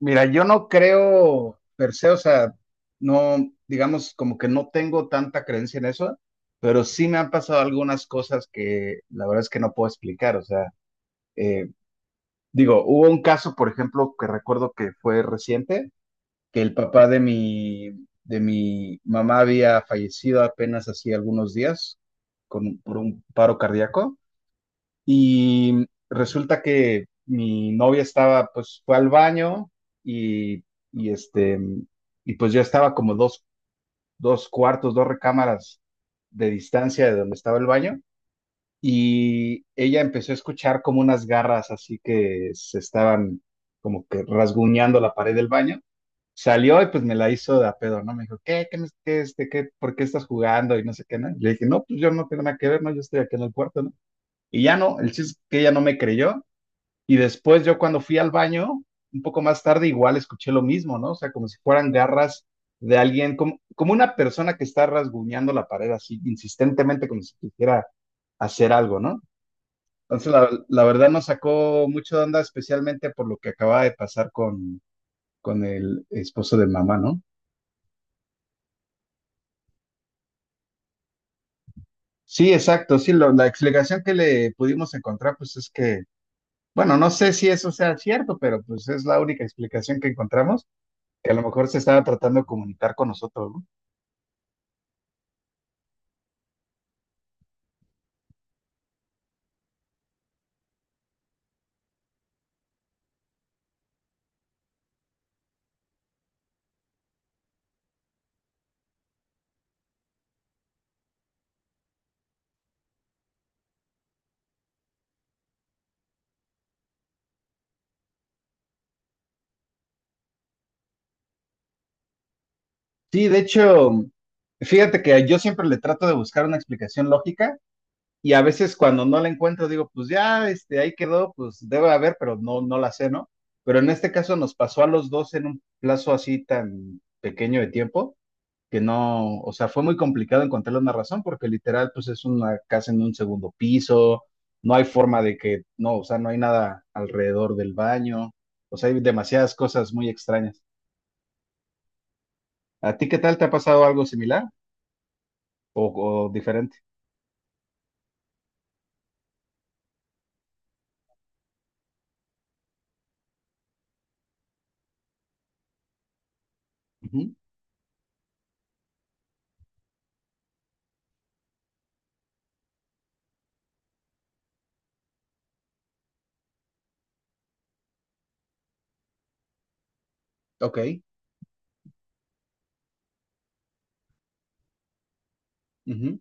Mira, yo no creo per se, o sea, no, digamos, como que no tengo tanta creencia en eso, pero sí me han pasado algunas cosas que la verdad es que no puedo explicar, o sea, eh, digo, hubo un caso, por ejemplo, que recuerdo que fue reciente, que el papá de mi mamá había fallecido apenas hacía algunos días por un paro cardíaco. Y resulta que mi novia estaba, pues fue al baño y, y este, y pues yo estaba como dos recámaras de distancia de donde estaba el baño. Y ella empezó a escuchar como unas garras así que se estaban como que rasguñando la pared del baño. Salió y pues me la hizo de a pedo, ¿no? Me dijo, ¿qué? ¿Qué? Qué, qué, ¿Por qué estás jugando? Y no sé qué, ¿no? Y le dije, no, pues yo no tengo nada que ver, ¿no? Yo estoy aquí en el cuarto, ¿no? Y ya no, el chiste es que ella no me creyó y después yo cuando fui al baño, un poco más tarde, igual escuché lo mismo, ¿no? O sea, como si fueran garras de alguien, como una persona que está rasguñando la pared así insistentemente, como si quisiera hacer algo, ¿no? Entonces, la verdad nos sacó mucho de onda, especialmente por lo que acababa de pasar con el esposo de mamá, ¿no? Sí, exacto, sí, la explicación que le pudimos encontrar, pues es que, bueno, no sé si eso sea cierto, pero pues es la única explicación que encontramos, que a lo mejor se estaba tratando de comunicar con nosotros, ¿no? Sí, de hecho, fíjate que yo siempre le trato de buscar una explicación lógica y a veces cuando no la encuentro digo, pues ya, ahí quedó, pues debe haber, pero no, no la sé, ¿no? Pero en este caso nos pasó a los dos en un plazo así tan pequeño de tiempo que no, o sea, fue muy complicado encontrarle una razón porque literal, pues es una casa en un segundo piso, no hay forma de que, no, o sea, no hay nada alrededor del baño, o sea, hay demasiadas cosas muy extrañas. ¿A ti qué tal te ha pasado algo similar o diferente? Ujú, ok, ujú,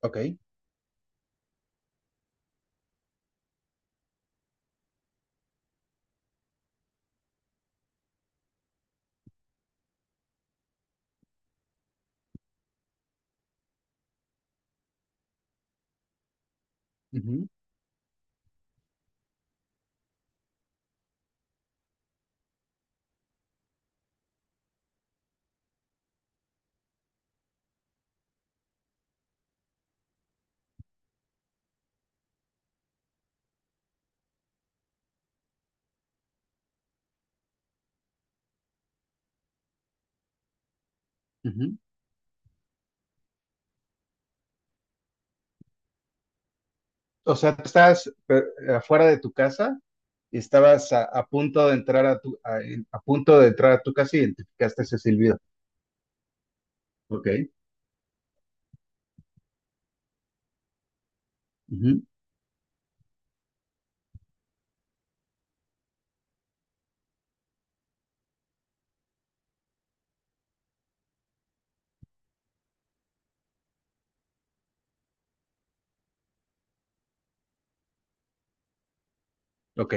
ok, ujú, ujú. O sea, tú estabas afuera de tu casa y estabas a punto de entrar a tu casa y identificaste ese silbido. Ok, ujú, ok,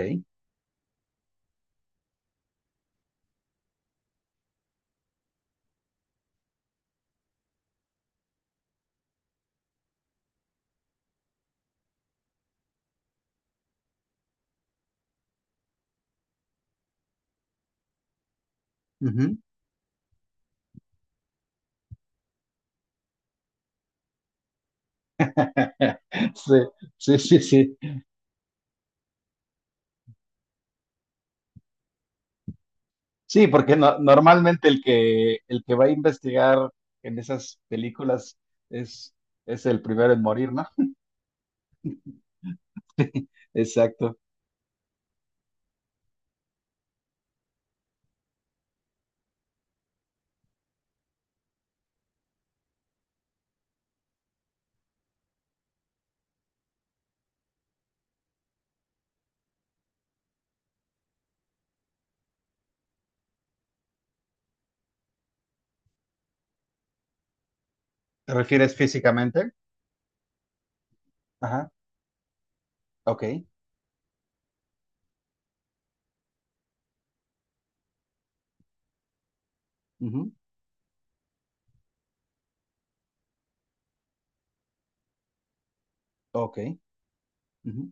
ujú. Sí, sí, sí, sí. Sí, porque normalmente el que va a investigar en esas películas es es el primero en morir, ¿no? Exacto. ¿Te refieres físicamente? Ajá, ok, ujú, ok, ujú,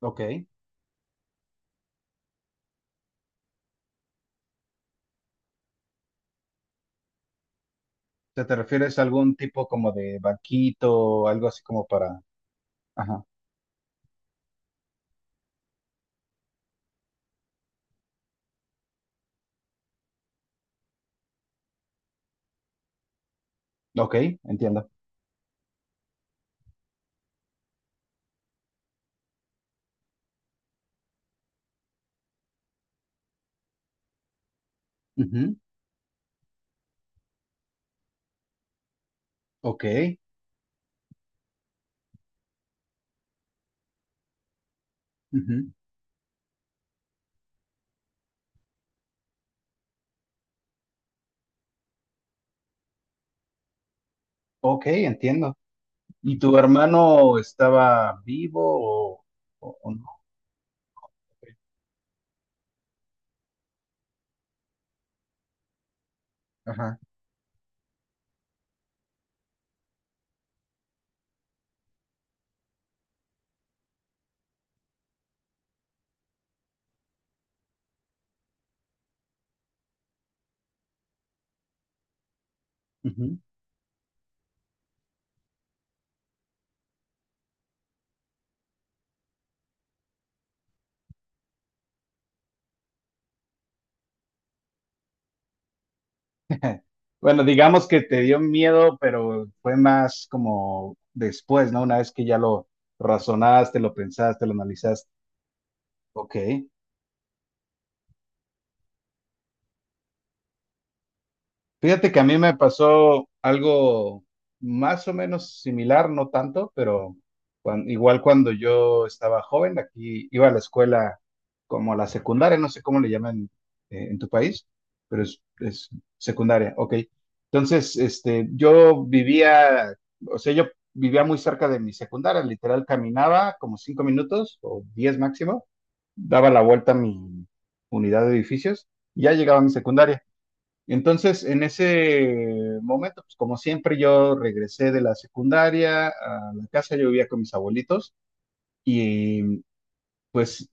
ok. O sea, ¿te refieres a algún tipo como de banquito o algo así como para? Ajá, ok, entiendo. Ujú, ok, ujú, ok, entiendo. ¿Y tu hermano estaba vivo o, o no? Ajá. Ujú. Bueno, digamos que te dio miedo, pero fue más como después, ¿no? Una vez que ya lo razonaste, lo pensaste, lo analizaste. Ok, fíjate que a mí me pasó algo más o menos similar, no tanto, pero igual cuando yo estaba joven, aquí iba a la escuela como la secundaria, no sé cómo le llaman en tu país, pero es secundaria, ok. Entonces, yo vivía, o sea, yo vivía muy cerca de mi secundaria, literal caminaba como 5 minutos o 10 máximo, daba la vuelta a mi unidad de edificios y ya llegaba a mi secundaria. Entonces, en ese momento, pues como siempre, yo regresé de la secundaria a la casa, yo vivía con mis abuelitos y pues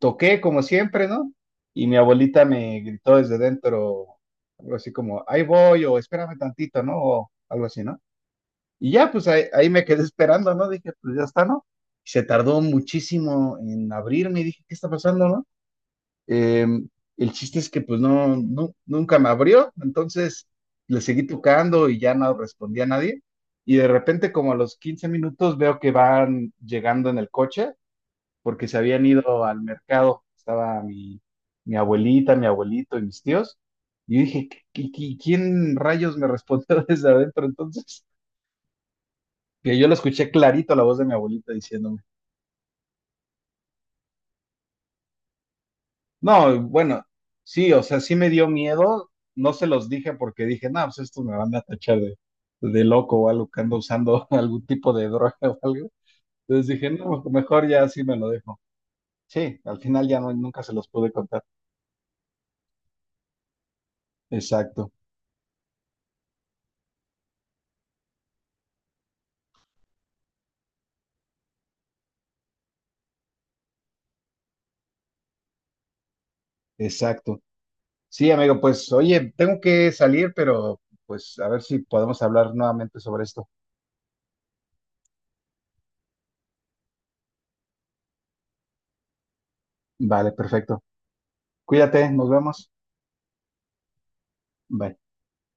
toqué como siempre, ¿no? Y mi abuelita me gritó desde dentro, algo así como, ahí voy o espérame tantito, ¿no? O algo así, ¿no? Y ya, pues ahí me quedé esperando, ¿no? Dije, pues ya está, ¿no? Se tardó muchísimo en abrirme y dije, ¿qué está pasando, no? Eh, el chiste es que pues no, nunca me abrió, entonces le seguí tocando y ya no respondía a nadie. Y de repente como a los 15 minutos veo que van llegando en el coche porque se habían ido al mercado. Estaba mi abuelita, mi abuelito y mis tíos. Y yo dije, ¿Quién rayos me respondió desde adentro entonces? Que yo lo escuché clarito la voz de mi abuelita diciéndome. No, bueno, sí, o sea, sí me dio miedo. No se los dije porque dije, no, pues estos me van a tachar de loco o algo que ando usando algún tipo de droga o algo. Entonces dije, no, pues mejor ya sí me lo dejo. Sí, al final ya no, nunca se los pude contar. Exacto, exacto. Sí, amigo, pues oye, tengo que salir, pero pues a ver si podemos hablar nuevamente sobre esto. Vale, perfecto. Cuídate, nos vemos. Bye.